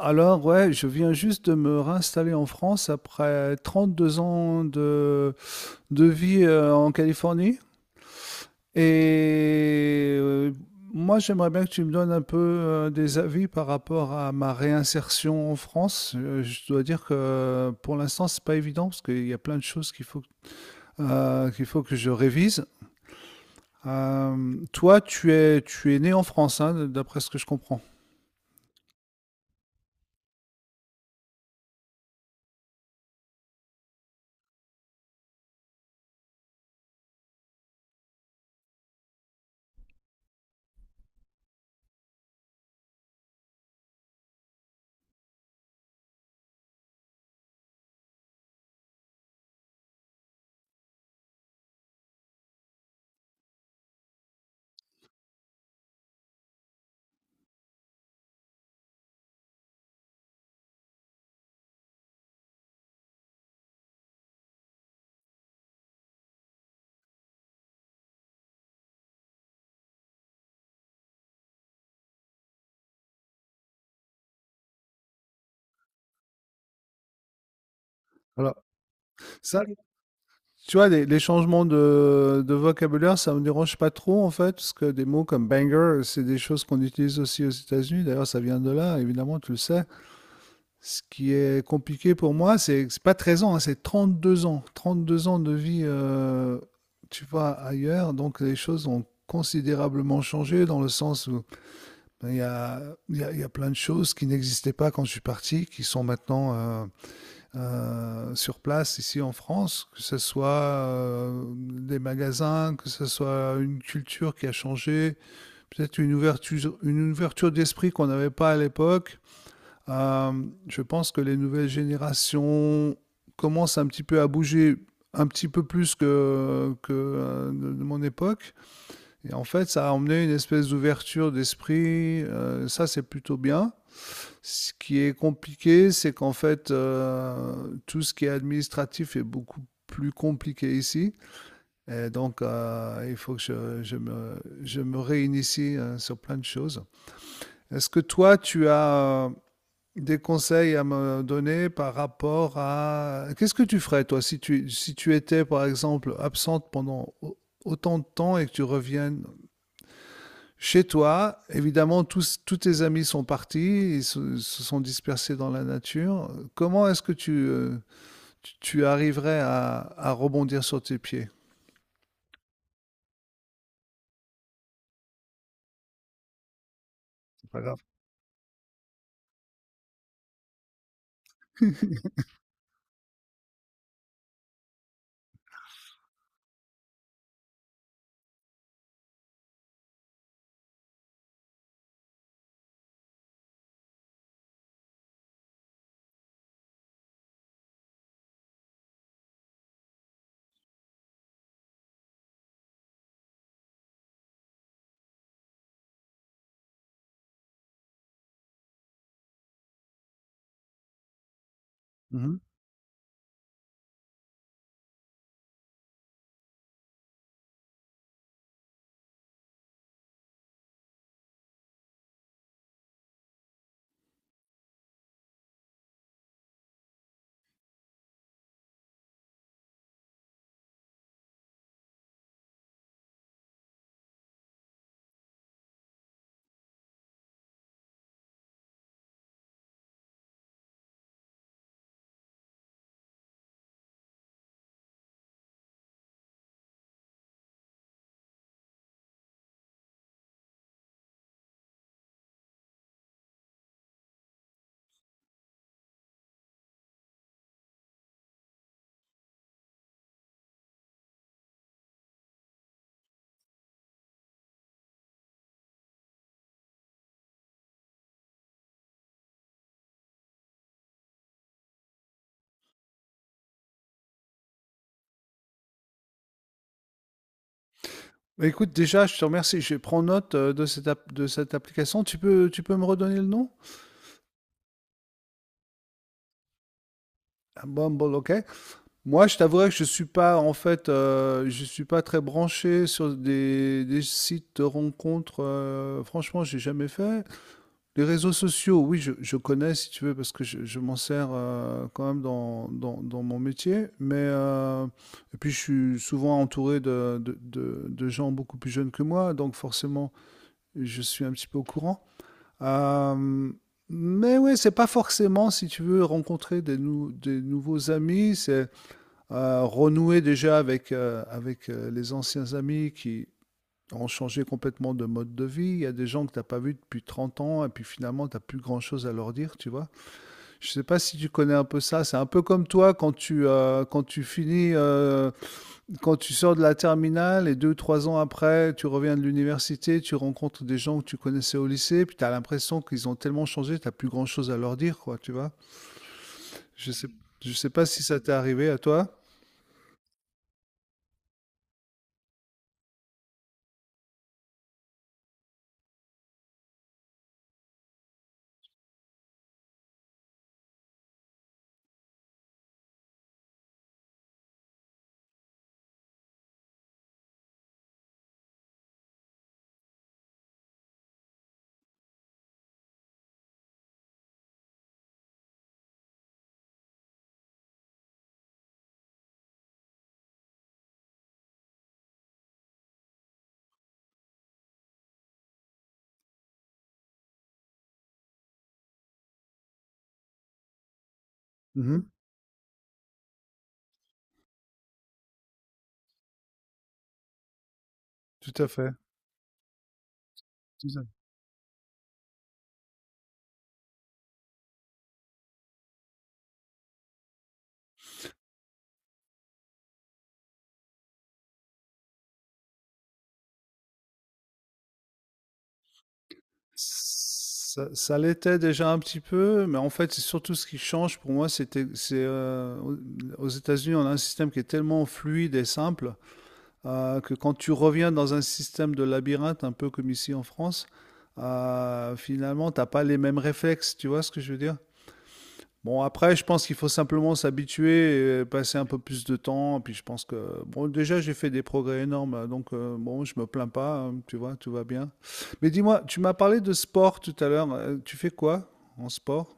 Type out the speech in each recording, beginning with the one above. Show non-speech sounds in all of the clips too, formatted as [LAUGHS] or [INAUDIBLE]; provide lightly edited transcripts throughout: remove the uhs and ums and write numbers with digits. Alors, ouais, je viens juste de me réinstaller en France après 32 ans de vie en Californie. Et moi, j'aimerais bien que tu me donnes un peu des avis par rapport à ma réinsertion en France. Je dois dire que pour l'instant, c'est pas évident parce qu'il y a plein de choses qu'il faut que je révise. Toi, tu es né en France, hein, d'après ce que je comprends. Voilà. Ça, tu vois, les changements de vocabulaire, ça me dérange pas trop en fait, parce que des mots comme banger, c'est des choses qu'on utilise aussi aux États-Unis. D'ailleurs, ça vient de là, évidemment, tu le sais. Ce qui est compliqué pour moi, c'est pas 13 ans, hein, c'est 2 ans. 32 ans de vie, tu vois, ailleurs. Donc, les choses ont considérablement changé dans le sens où ben, il y a plein de choses qui n'existaient pas quand je suis parti, qui sont maintenant sur place ici en France, que ce soit des magasins, que ce soit une culture qui a changé, peut-être une ouverture d'esprit qu'on n'avait pas à l'époque. Euh, je pense que les nouvelles générations commencent un petit peu à bouger un petit peu plus que de mon époque. Et en fait, ça a emmené une espèce d'ouverture d'esprit. Ça, c'est plutôt bien. Ce qui est compliqué, c'est qu'en fait, tout ce qui est administratif est beaucoup plus compliqué ici. Et donc, il faut que je me réinitie sur plein de choses. Est-ce que toi, tu as des conseils à me donner par rapport à... Qu'est-ce que tu ferais, toi, si tu étais, par exemple, absente pendant autant de temps et que tu reviennes chez toi, évidemment, tous tes amis sont partis, ils se sont dispersés dans la nature. Comment est-ce que tu arriverais à rebondir sur tes pieds? C'est pas grave. [LAUGHS] Mhm. Bah, écoute, déjà, je te remercie. Je prends note de cette application. Tu peux me redonner le nom? Ah, Bumble, ok. Moi, je t'avouerais que je suis pas, en fait, je suis pas très branché sur des sites de rencontres. Franchement, j'ai jamais fait. Les réseaux sociaux, oui, je connais si tu veux, parce que je m'en sers quand même dans mon métier. Et puis, je suis souvent entouré de gens beaucoup plus jeunes que moi, donc forcément, je suis un petit peu au courant. Euh, mais oui, c'est pas forcément, si tu veux, rencontrer des nouveaux amis, c'est renouer déjà avec, avec les anciens amis qui ont changé complètement de mode de vie. Il y a des gens que tu n'as pas vus depuis 30 ans et puis finalement, tu n'as plus grand-chose à leur dire, tu vois. Je ne sais pas si tu connais un peu ça. C'est un peu comme toi quand tu sors de la terminale et 2, 3 ans après, tu reviens de l'université, tu rencontres des gens que tu connaissais au lycée, puis tu as l'impression qu'ils ont tellement changé, tu n'as plus grand-chose à leur dire, quoi, tu vois. Je ne sais, je sais pas si ça t'est arrivé à toi. Mhm. Tout à fait. Tout à fait. Ça l'était déjà un petit peu, mais en fait, c'est surtout ce qui change pour moi, c'est aux États-Unis, on a un système qui est tellement fluide et simple que quand tu reviens dans un système de labyrinthe, un peu comme ici en France, finalement, t'as pas les mêmes réflexes. Tu vois ce que je veux dire? Bon, après, je pense qu'il faut simplement s'habituer, et passer un peu plus de temps. Puis je pense que, bon, déjà, j'ai fait des progrès énormes, là, donc bon, je me plains pas, hein, tu vois, tout va bien. Mais dis-moi, tu m'as parlé de sport tout à l'heure. Tu fais quoi en sport?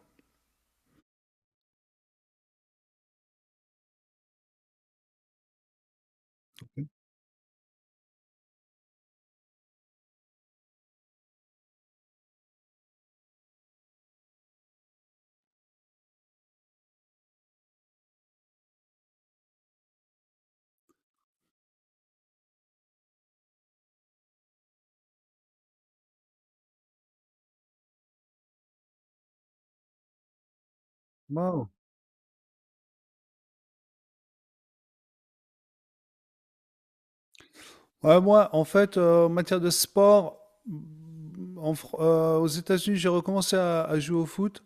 Wow. Ouais, moi, en fait, en matière de sport, aux États-Unis, j'ai recommencé à jouer au foot.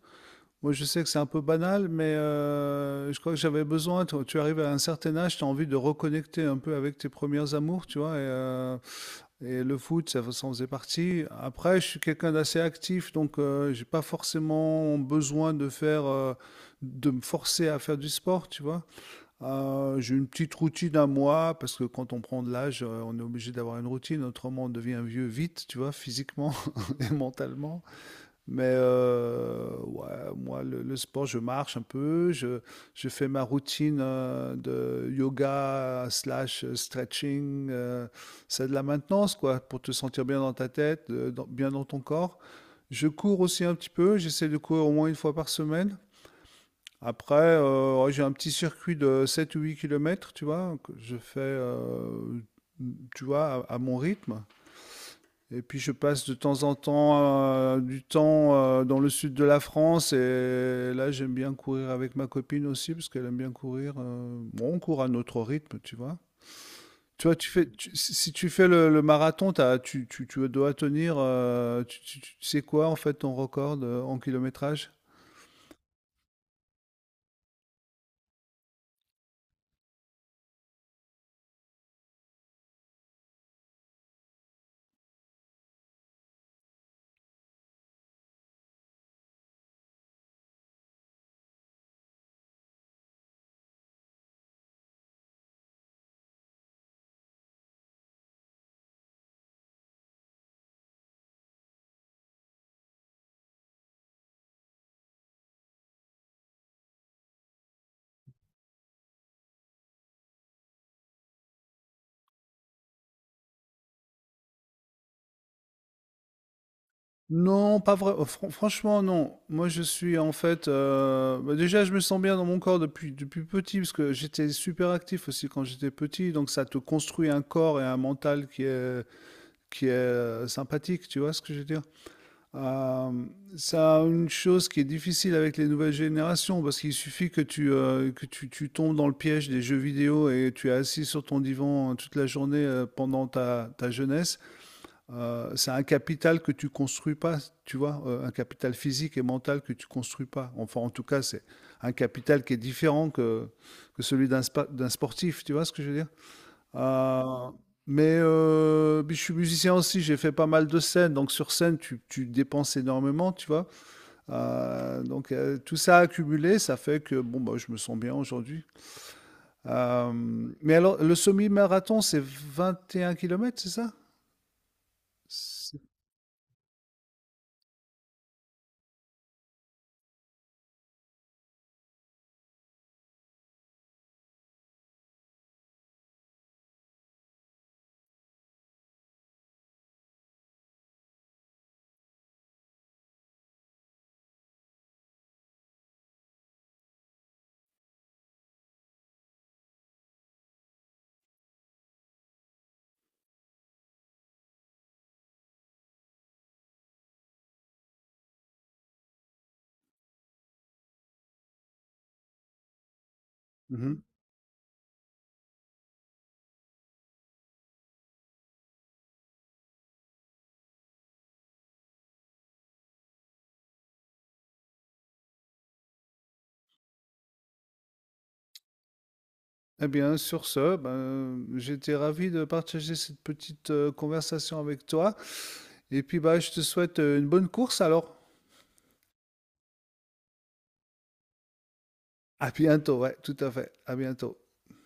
Moi, je sais que c'est un peu banal, mais je crois que j'avais besoin. Tu arrives à un certain âge, tu as envie de reconnecter un peu avec tes premières amours, tu vois. Et le foot, ça en faisait partie. Après, je suis quelqu'un d'assez actif, donc j'ai pas forcément besoin de me forcer à faire du sport, tu vois. J'ai une petite routine à moi parce que quand on prend de l'âge, on est obligé d'avoir une routine, autrement on devient vieux vite, tu vois, physiquement [LAUGHS] et mentalement. Mais ouais, moi, le sport, je marche un peu, je fais ma routine de yoga slash stretching. C'est de la maintenance, quoi, pour te sentir bien dans ta tête, bien dans ton corps. Je cours aussi un petit peu, j'essaie de courir au moins une fois par semaine. Après, ouais, j'ai un petit circuit de 7 ou 8 kilomètres, tu vois, que je fais, tu vois, à mon rythme. Et puis je passe de temps en temps du temps dans le sud de la France et là j'aime bien courir avec ma copine aussi parce qu'elle aime bien courir. Bon, on court à notre rythme, tu vois. Tu vois, si tu fais le marathon, tu dois tenir, tu sais quoi en fait ton record en kilométrage? Non, pas vrai. Franchement, non. Moi, je suis en fait. Bah, déjà, je me sens bien dans mon corps depuis petit, parce que j'étais super actif aussi quand j'étais petit. Donc, ça te construit un corps et un mental qui est sympathique. Tu vois ce que je veux dire? Euh, une chose qui est difficile avec les nouvelles générations, parce qu'il suffit que tu tombes dans le piège des jeux vidéo et tu es assis sur ton divan toute la journée pendant ta jeunesse. C'est un capital que tu construis pas, tu vois, un capital physique et mental que tu construis pas. Enfin, en tout cas, c'est un capital qui est différent que celui d'un sportif, tu vois ce que je veux dire? Euh, puis je suis musicien aussi, j'ai fait pas mal de scènes, donc sur scène, tu dépenses énormément, tu vois. Tout ça accumulé, ça fait que bon, bah, je me sens bien aujourd'hui. Euh, mais alors, le semi-marathon, c'est 21 kilomètres, c'est ça? C'est- Mhm. Eh bien, sur ce, ben, j'étais ravi de partager cette petite conversation avec toi. Et puis, bah, je te souhaite une bonne course alors. À bientôt, ouais, tout à fait. À bientôt.